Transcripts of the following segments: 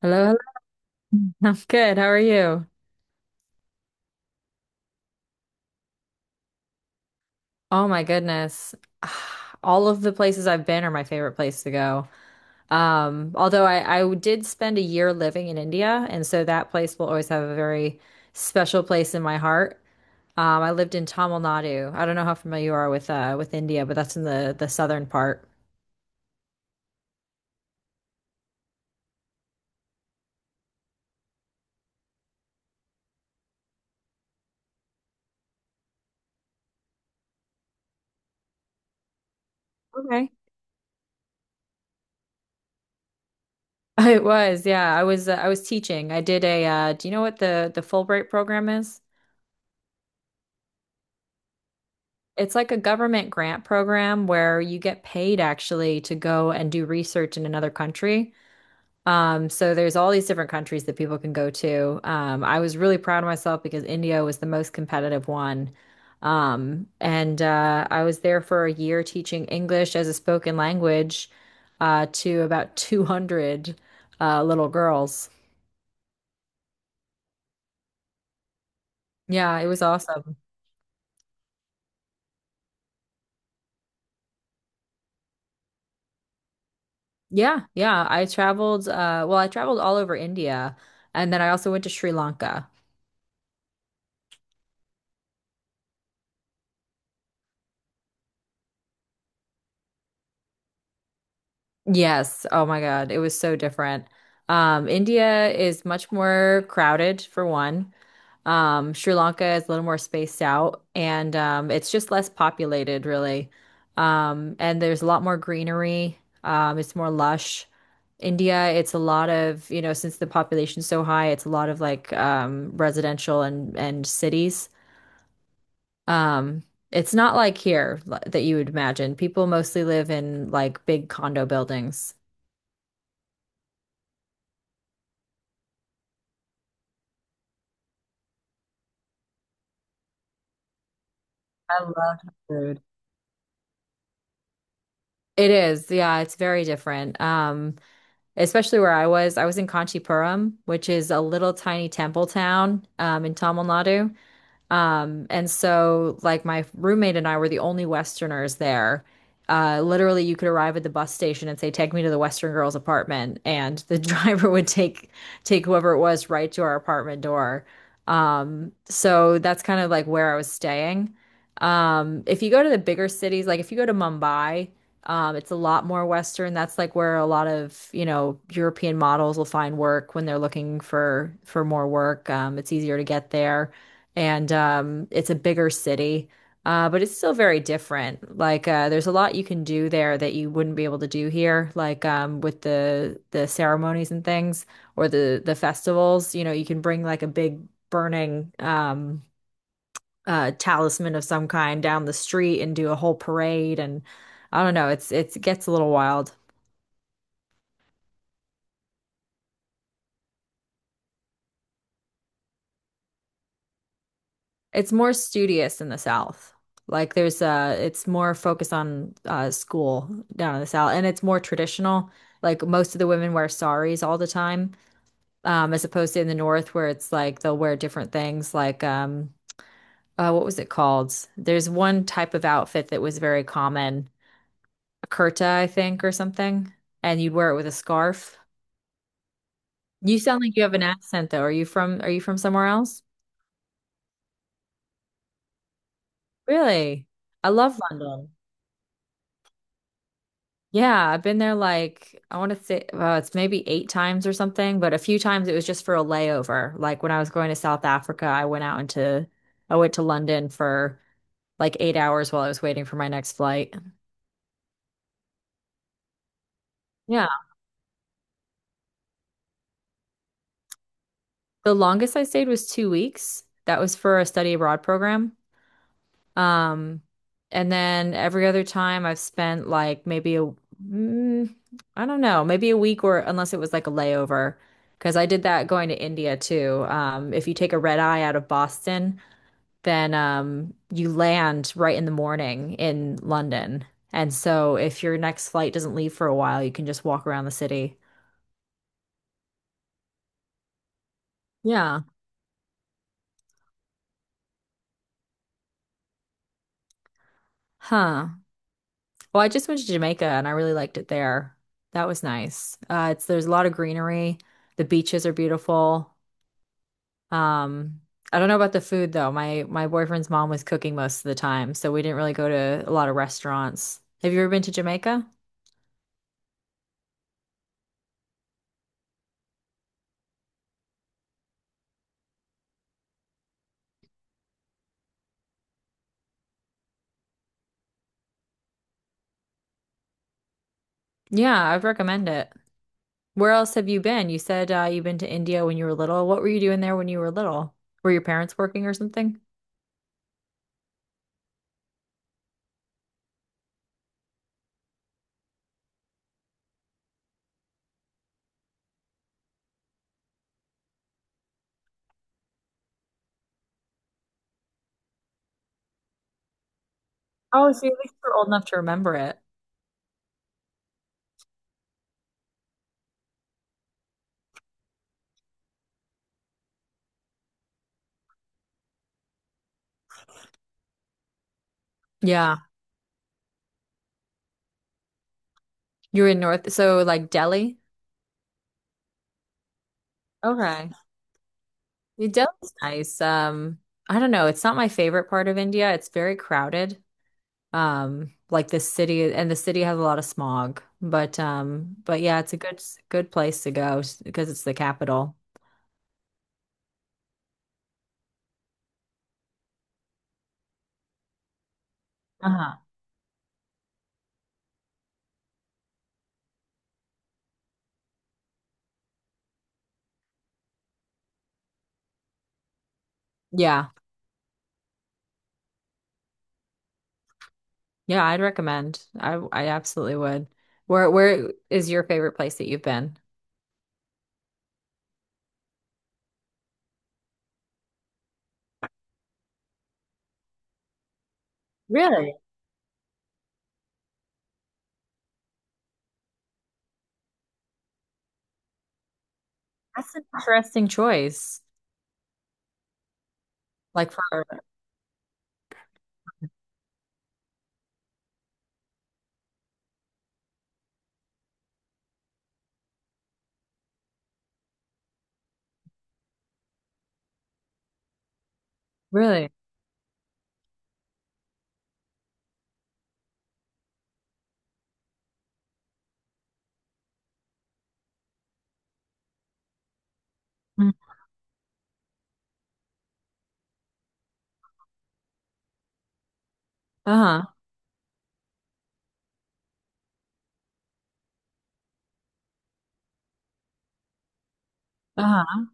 Hello, hello. I'm good. How are you? Oh my goodness. All of the places I've been are my favorite place to go. Although I did spend a year living in India, and so that place will always have a very special place in my heart. I lived in Tamil Nadu. I don't know how familiar you are with India, but that's in the southern part. Okay. It was, yeah. I was teaching. I did a do you know what the Fulbright program is? It's like a government grant program where you get paid actually to go and do research in another country. So there's all these different countries that people can go to. I was really proud of myself because India was the most competitive one. And I was there for a year teaching English as a spoken language to about 200 little girls. Yeah, it was awesome. Yeah, yeah. I traveled, well, I traveled all over India and then I also went to Sri Lanka. Yes. Oh my God. It was so different. India is much more crowded for one. Sri Lanka is a little more spaced out and it's just less populated, really. And there's a lot more greenery. It's more lush. India, it's a lot of, you know, since the population's so high, it's a lot of like residential and cities. Um, it's not like here that you would imagine. People mostly live in like big condo buildings. I love Thai food. It is, yeah, it's very different. Especially where I was. I was in Kanchipuram, which is a little tiny temple town in Tamil Nadu. And so, like, my roommate and I were the only Westerners there. Literally, you could arrive at the bus station and say, "Take me to the Western girl's apartment," and the driver would take whoever it was right to our apartment door. So that's kind of like where I was staying. If you go to the bigger cities, like if you go to Mumbai, it's a lot more Western. That's like where a lot of, you know, European models will find work when they're looking for more work. It's easier to get there and it's a bigger city, but it's still very different. Like there's a lot you can do there that you wouldn't be able to do here, like with the ceremonies and things or the festivals. You know, you can bring like a big burning talisman of some kind down the street and do a whole parade, and I don't know, it gets a little wild. It's more studious in the South. Like there's it's more focused on school down in the South and it's more traditional. Like most of the women wear saris all the time, as opposed to in the North where it's like they'll wear different things like what was it called? There's one type of outfit that was very common, a kurta, I think, or something, and you'd wear it with a scarf. You sound like you have an accent though. Are you from somewhere else? Really? I love London. Yeah, I've been there like I want to say it's maybe eight times or something, but a few times it was just for a layover. Like when I was going to South Africa, I went to London for like 8 hours while I was waiting for my next flight. Yeah, the longest I stayed was 2 weeks. That was for a study abroad program. Um, and then every other time I've spent like maybe a, mm, I don't know, maybe a week or unless it was like a layover, because I did that going to India too. If you take a red eye out of Boston, then you land right in the morning in London. And so if your next flight doesn't leave for a while, you can just walk around the city. Yeah. Huh. Well, I just went to Jamaica and I really liked it there. That was nice. It's there's a lot of greenery. The beaches are beautiful. Um, I don't know about the food though. My boyfriend's mom was cooking most of the time, so we didn't really go to a lot of restaurants. Have you ever been to Jamaica? Yeah, I'd recommend it. Where else have you been? You said you've been to India when you were little. What were you doing there when you were little? Were your parents working or something? Oh, so at least you're old enough to remember it. Yeah, you were in North, so like Delhi. Okay. Yeah, Delhi's nice. I don't know. It's not my favorite part of India. It's very crowded. Um, like the city, and the city has a lot of smog, but yeah, it's a good place to go because it's the capital. Uh-huh. Yeah, yeah I'd recommend. I absolutely would. Where is your favorite place that you've been? Really? That's an interesting choice. Like for really. Mm. Uh-huh. Uh-huh.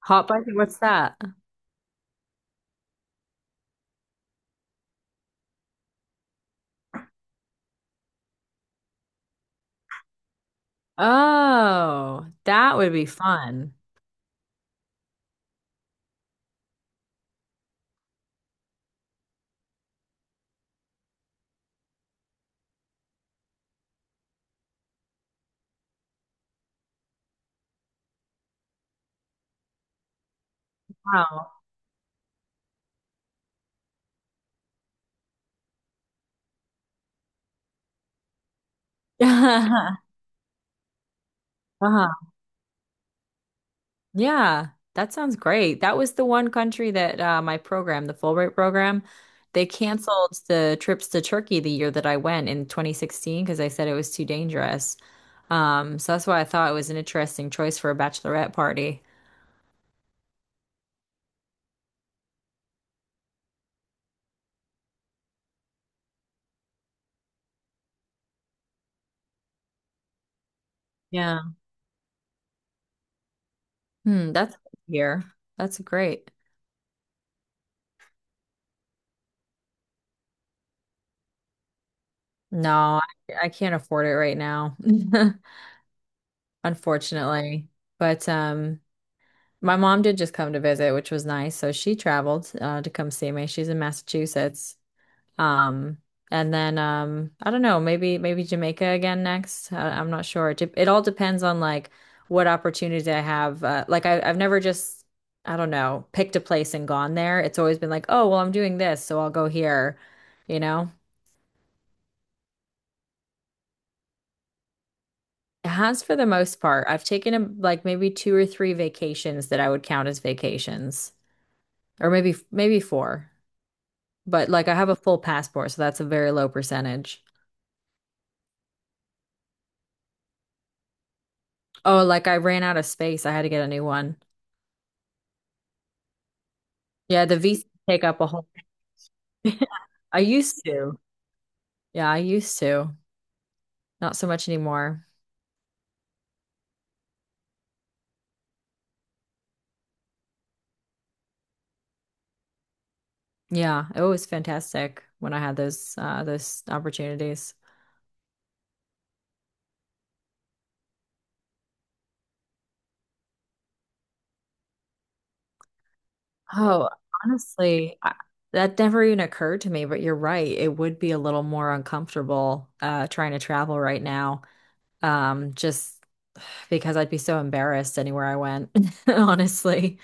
Hot biking. What's that? Oh, that would be fun. Wow. Uh-huh. Yeah, that sounds great. That was the one country that my program, the Fulbright program, they canceled the trips to Turkey the year that I went in 2016 because they said it was too dangerous. So that's why I thought it was an interesting choice for a bachelorette party. Yeah. Hmm, that's here. That's great. No, I can't afford it right now, unfortunately. But my mom did just come to visit, which was nice. So she traveled to come see me. She's in Massachusetts. Um, and then I don't know, maybe Jamaica again next. I'm not sure. It all depends on like what opportunity I have. I've never just I don't know picked a place and gone there. It's always been like, oh well, I'm doing this, so I'll go here. You know, it has for the most part. I've taken a, like maybe two or three vacations that I would count as vacations, or maybe four. But like I have a full passport, so that's a very low percentage. Oh, like I ran out of space. I had to get a new one. Yeah, the VC take up a whole. I used to. Yeah, I used to. Not so much anymore. Yeah, it was fantastic when I had those those opportunities. Oh, honestly, that never even occurred to me, but you're right. It would be a little more uncomfortable trying to travel right now. Just because I'd be so embarrassed anywhere I went, honestly.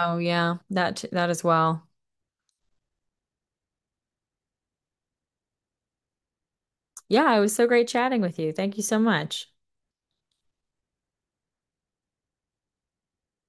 Oh yeah, that as well. Yeah, it was so great chatting with you. Thank you so much.